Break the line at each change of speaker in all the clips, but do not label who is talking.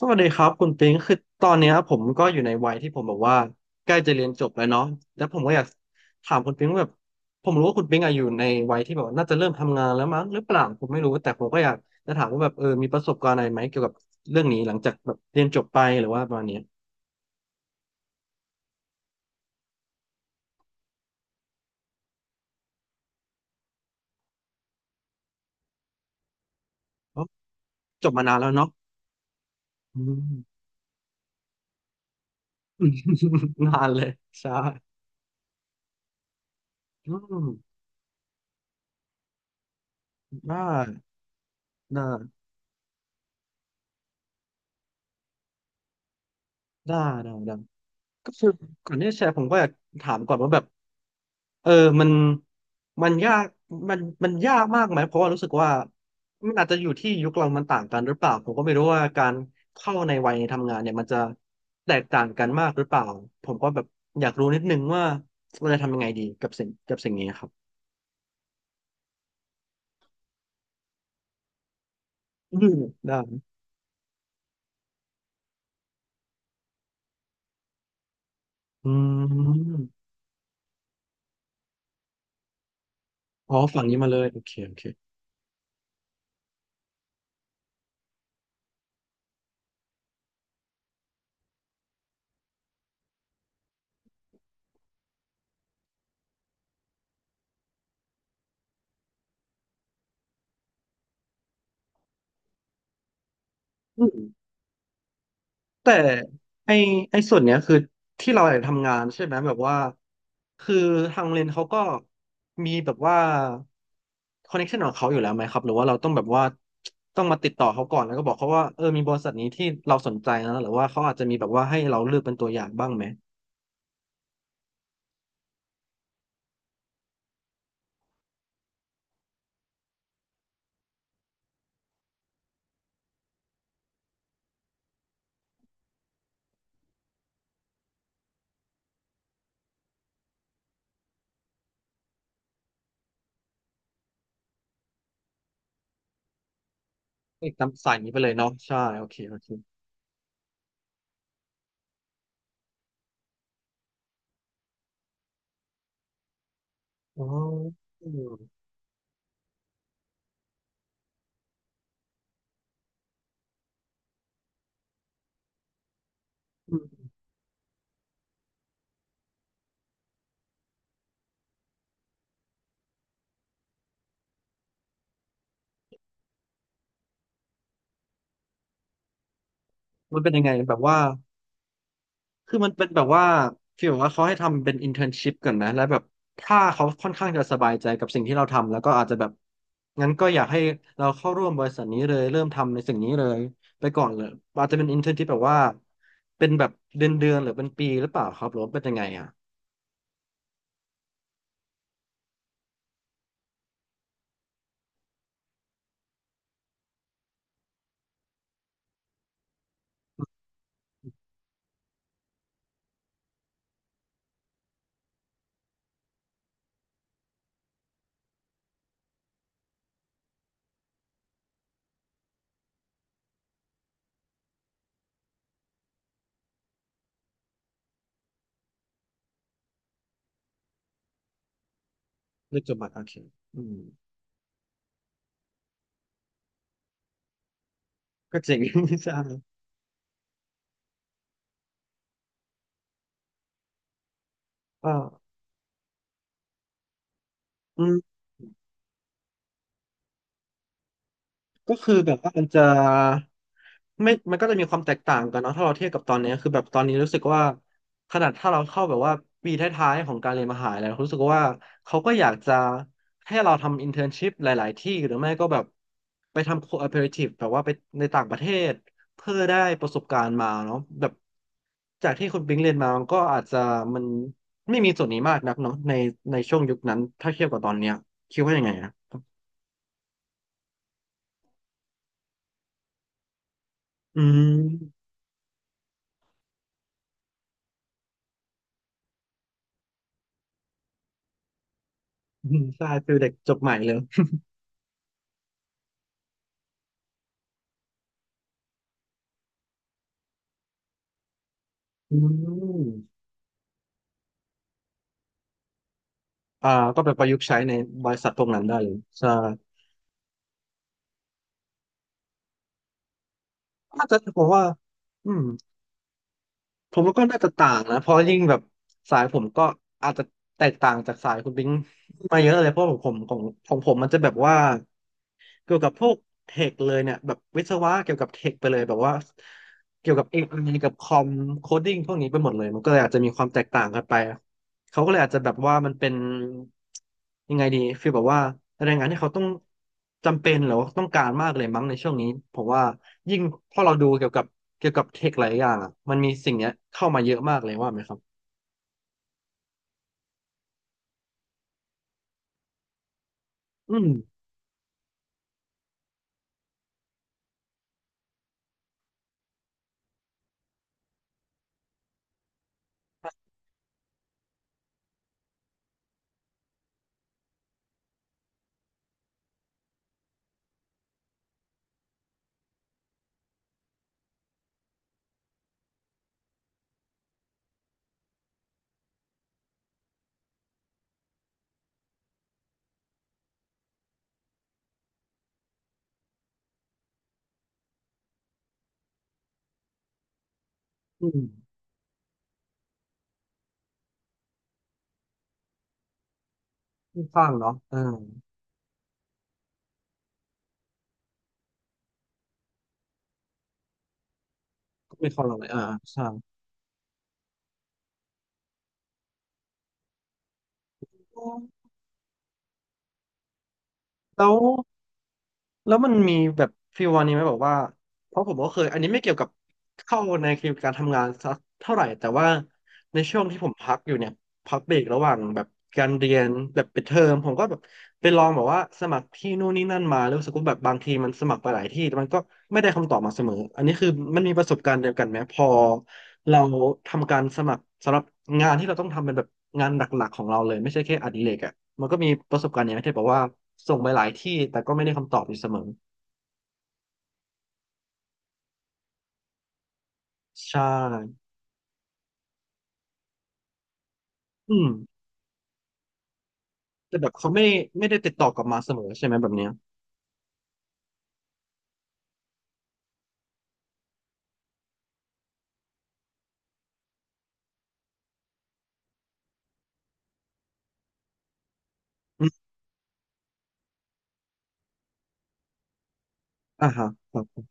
สวัสดีครับคุณปิงคือตอนเนี้ยผมก็อยู่ในวัยที่ผมแบบว่าใกล้จะเรียนจบแล้วเนาะแล้วผมก็อยากถามคุณปิงว่าแบบผมรู้ว่าคุณปิงอะอยู่ในวัยที่แบบว่าน่าจะเริ่มทำงานแล้วมั้งหรือเปล่าผมไม่รู้แต่ผมก็อยากจะถามว่าแบบมีประสบการณ์อะไรไหมเกี่ยวกับเรื่องนี้หลังจากแบบเรียนจบไปหรือว่าประมาณเนี้ยเพราะจบมานานแล้วเนาะอืม นานเลยใช่อืมได้ได้ได้ได้ได้ก็คือก่อนที่จะแชร์ผมก็อยากถามก่อนว่าแบบ เออมันมันยากมันมันยากมากไหมเพราะว่ารู้สึกว่ามันอาจจะอยู่ที่ยุคเรามันต่างกันหรือเปล่าผมก็ไม่รู้ว่าการเข้าในวัยทำงานเนี่ยมันจะแตกต่างกันมากหรือเปล่าผมก็แบบอยากรู้นิดนึงว่าเราจะทำยังไงดีกับสิ่งนี้ครับอืมได้อืมอ๋อฝั่งนี้มาเลยโอเคโอเค แต่ไอไอส่วนเนี้ยคือที่เราอยากทำงานใช่ไหมแบบว่าคือทางโรงเรียนเขาก็มีแบบว่าคอนเนคชันของเขาอยู่แล้วไหมครับหรือว่าเราต้องแบบว่าต้องมาติดต่อเขาก่อนแล้วก็บอกเขาว่าเออมีบริษัทนี้ที่เราสนใจนะหรือว่าเขาอาจจะมีแบบว่าให้เราเลือกเป็นตัวอย่างบ้างไหมเอ้ยตามสายนี้ไปเลยเนาะใช่โอเคโอเคอ๋ออืมมันเป็นยังไงแบบว่า คือมันเป็นแบบว่าฟีลแบบว่าเขาให้ทำเป็นอินเท n ร์นชิพก่อนนะแล้วแบบถ้าเขาค่อนข้างจะสบายใจกับสิ่งที่เราทำแล้วก็อาจจะแบบงั้นก็อยากให้เราเข้าร่วมบริษัทนี้เลยเริ่มทำในสิ่งนี้เลยไปก่อนเลยอาจจะเป็นอินเท n ร์นที่แบบว่าเป็นแบบเดือนเดือนหรือเป็นปีหรือเปล่าครับหรือว่าเป็นยังไงอ่ะเลือกจบบัตรโอเคอืมก็เจ๋ง ใช่ก็อืม ก็คือแบบว่ามันก็จะมีความแตกต่างกันเนาะถ้าเราเทียบกับตอนเนี้ยคือแบบตอนนี้รู้สึกว่าขนาดถ้าเราเข้าแบบว่าปีท้ายๆของการเรียนมหาลัยเรารู้สึกว่าเขาก็อยากจะให้เราทำอินเทอร์นชิพหลายๆที่หรือไม่ก็แบบไปทำโคอ p e r a t i v e แบบว่าไปในต่างประเทศเพื่อได้ประสบการณ์มาเนาะแบบจากที่คุณปิงเรียนมามันก็อาจจะมันไม่มีส่วนนี้มากนักเนาะในช่วงยุคนั้นถ้าเทียบกับตอนเนี้ยคิดว่ายังไงอะอืม อืมใช่ฟิลเด็กจบใหม่เลยอืมอ่าก็ไปประยุกต์ใช้ในบริษัทพวกนั้นได้เลยใช่อาจจะผมว่าอืมผมว่าก็น่าจะต่างนะเพราะยิ่งแบบสายผมก็อาจจะแตกต่างจากสายคุณบิงมาเยอะเลยเพราะของผมมันจะแบบว่า เกี่ยวกับพวกเทคเลยเนี่ยแบบวิศวะเกี่ยวกับเทคไปเลยแบบว่าเกี่ยวกับเอไอกับคอมโคดดิ้งพวกนี้ไปหมดเลยมันก็เลยอาจจะมีความแตกต่างกันไปเขาก็เลยอาจจะแบบว่ามันเป็นยังไงดีฟีลแบบว่าแรงงานที่เขาต้องจำเป็นหรือว่าต้องการมากเลยมั้งในช่วงนี้ผมว่ายิ่งพอเราดูเกี่ยวกับเทคหลายอย่างอ่ะมันมีสิ่งเนี้ยเข้ามาเยอะมากเลยว่าไหมครับอืมอืมค่อนข้างเนาะเออก็ไม่เข้าเราเลยอ่าใช่แล้ว แล้วมันมีแบบฟีลวันนี้ไหมแบอกว่าเพราะผมก็เคยอันนี้ไม่เกี่ยวกับเข้าในเกณฑ์การทำงานสักเท่าไหร่แต่ว่าในช่วงที่ผมพักอยู่เนี่ยพักเบรกระหว่างแบบการเรียนแบบปิดเทอมผมก็แบบไปลองแบบว่าสมัครที่นู่นนี่นั่นมาแล้วรู้สึกว่าแบบบางทีมันสมัครไปหลายที่แต่มันก็ไม่ได้คำตอบมาเสมออันนี้คือมันมีประสบการณ์เดียวกันไหมพอ เราทำการสมัครสำหรับงานที่เราต้องทำเป็นแบบงานหลักๆของเราเลยไม่ใช่แค่อดิเรกอ่ะมันก็มีประสบการณ์อย่างที่เธอบอกว่าส่งไปหลายที่แต่ก็ไม่ได้คำตอบอยู่เสมอใช่อืมแต่แบบเขาไม่ได้ติดต่อกลับมาเสมอใช่ไหมแบบเนี้ยอืมอ่าฮะครับ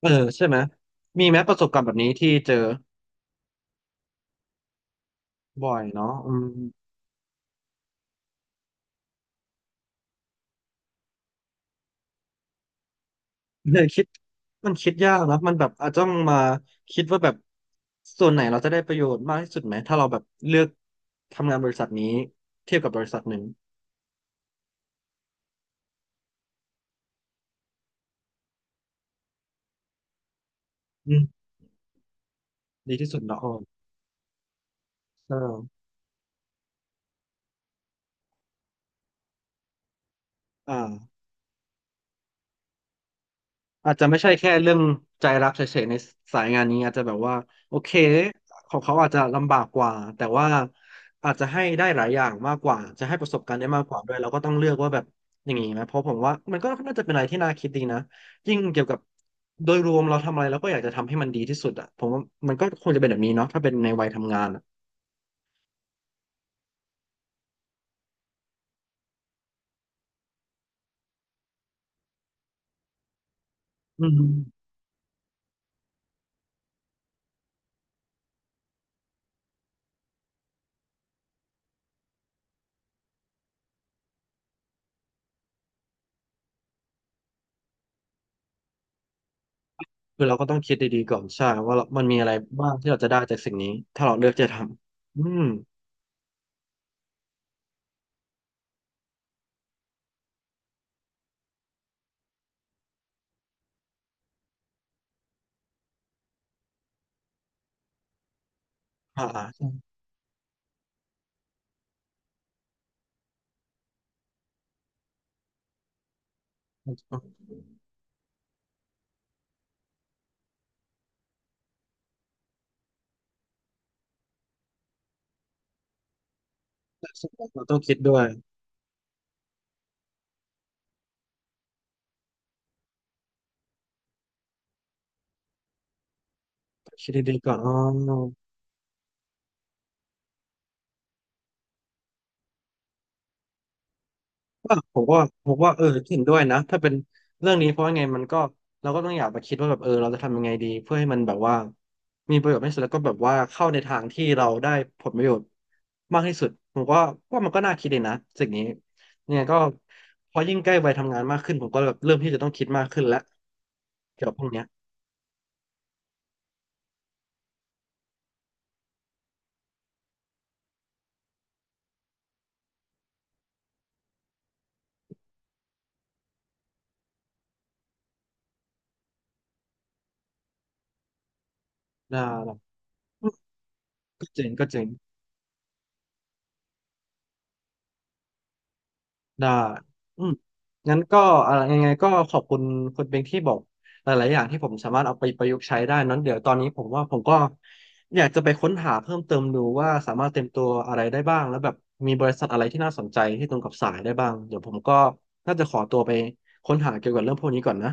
เออใช่ไหมมีไหมประสบการณ์แบบนี้ที่เจอบ่อยเนาะอืม เนยคิดมันคิดยากนะมันแบบอาจจะต้องมาคิดว่าแบบส่วนไหนเราจะได้ประโยชน์มากที่สุดไหมถ้าเราแบบเลือกทำงานบริษัทนี้เทียบกับบริษัทหนึ่งอืมดีที่สุดเนาะอ๋อใช่อ่า อาจจะไม่ใช่แค่เรื่องใจรักเฉยๆในสายงานนี้อาจจะแบบว่าโอเคของเขาอาจจะลำบากกว่าแต่ว่าอาจจะให้ได้หลายอย่างมากกว่าจะให้ประสบการณ์ได้มากกว่าด้วยเราก็ต้องเลือกว่าแบบอย่างนี้ไหมเพราะผมว่ามันก็น่าจะเป็นอะไรที่น่าคิดดีนะยิ่งเกี่ยวกับโดยรวมเราทำอะไรเราก็อยากจะทำให้มันดีที่สุดอ่ะผมว่ามันก็ควรจะเป็นแบบนี้เนาะถ้าเป็นในวัยทำงานอะอืมคือเราก็ต้องคิดดีๆก่อนใช่ว่าเรามันมีอะไรบ้างที่เราจะได้จากสิ่งนี้ถ้าเราเลือกจะทำอืมอ่าๆใช่ เราต้องคิดด้วยคิดดีๆก่อนอ๋อว่าผมว่าเออเห็นด้วยนะถ้าเป็นเรื่องนี้เพราะว่าไงมันก็เราก็ต้องอยากไปคิดว่าแบบเออเราจะทำยังไงดีเพื่อให้มันแบบว่ามีประโยชน์ที่สุดแล้วก็แบบว่าเข้าในทางที่เราได้ผลประโยชน์มากที่สุดผมว่าว่ามันก็น่าคิดเลยนะสิ่งนี้เนี่ยก็พอยิ่งใกล้วัยทำงานมากขึ้นผมก็แบบเริ่มที่จะต้องคิดมากขึ้นแล้วเกี่ยวกับพวกเนี้ยได้ก็เจ๋งก็เจ๋ง ได้อืมงั้นก็อะไรยังไงก็ขอบคุณคุณเบงที่บอกหลายๆอย่างที่ผมสามารถเอาไปประยุกต์ใช้ได้นั้นเดี๋ยวตอนนี้ผมว่าผมก็อยากจะไปค้นหาเพิ่มเติมดูว่าสามารถเตรียมตัวอะไรได้บ้างแล้วแบบมีบริษัทอะไรที่น่าสนใจที่ตรงกับสายได้บ้างเดี๋ยวผมก็น่าจะขอตัวไปค้นหาเกี่ยวกับเรื่องพวกนี้ก่อนนะ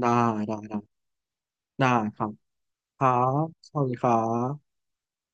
ได้ได้ได้ได้ครับครับสวัสดีครับ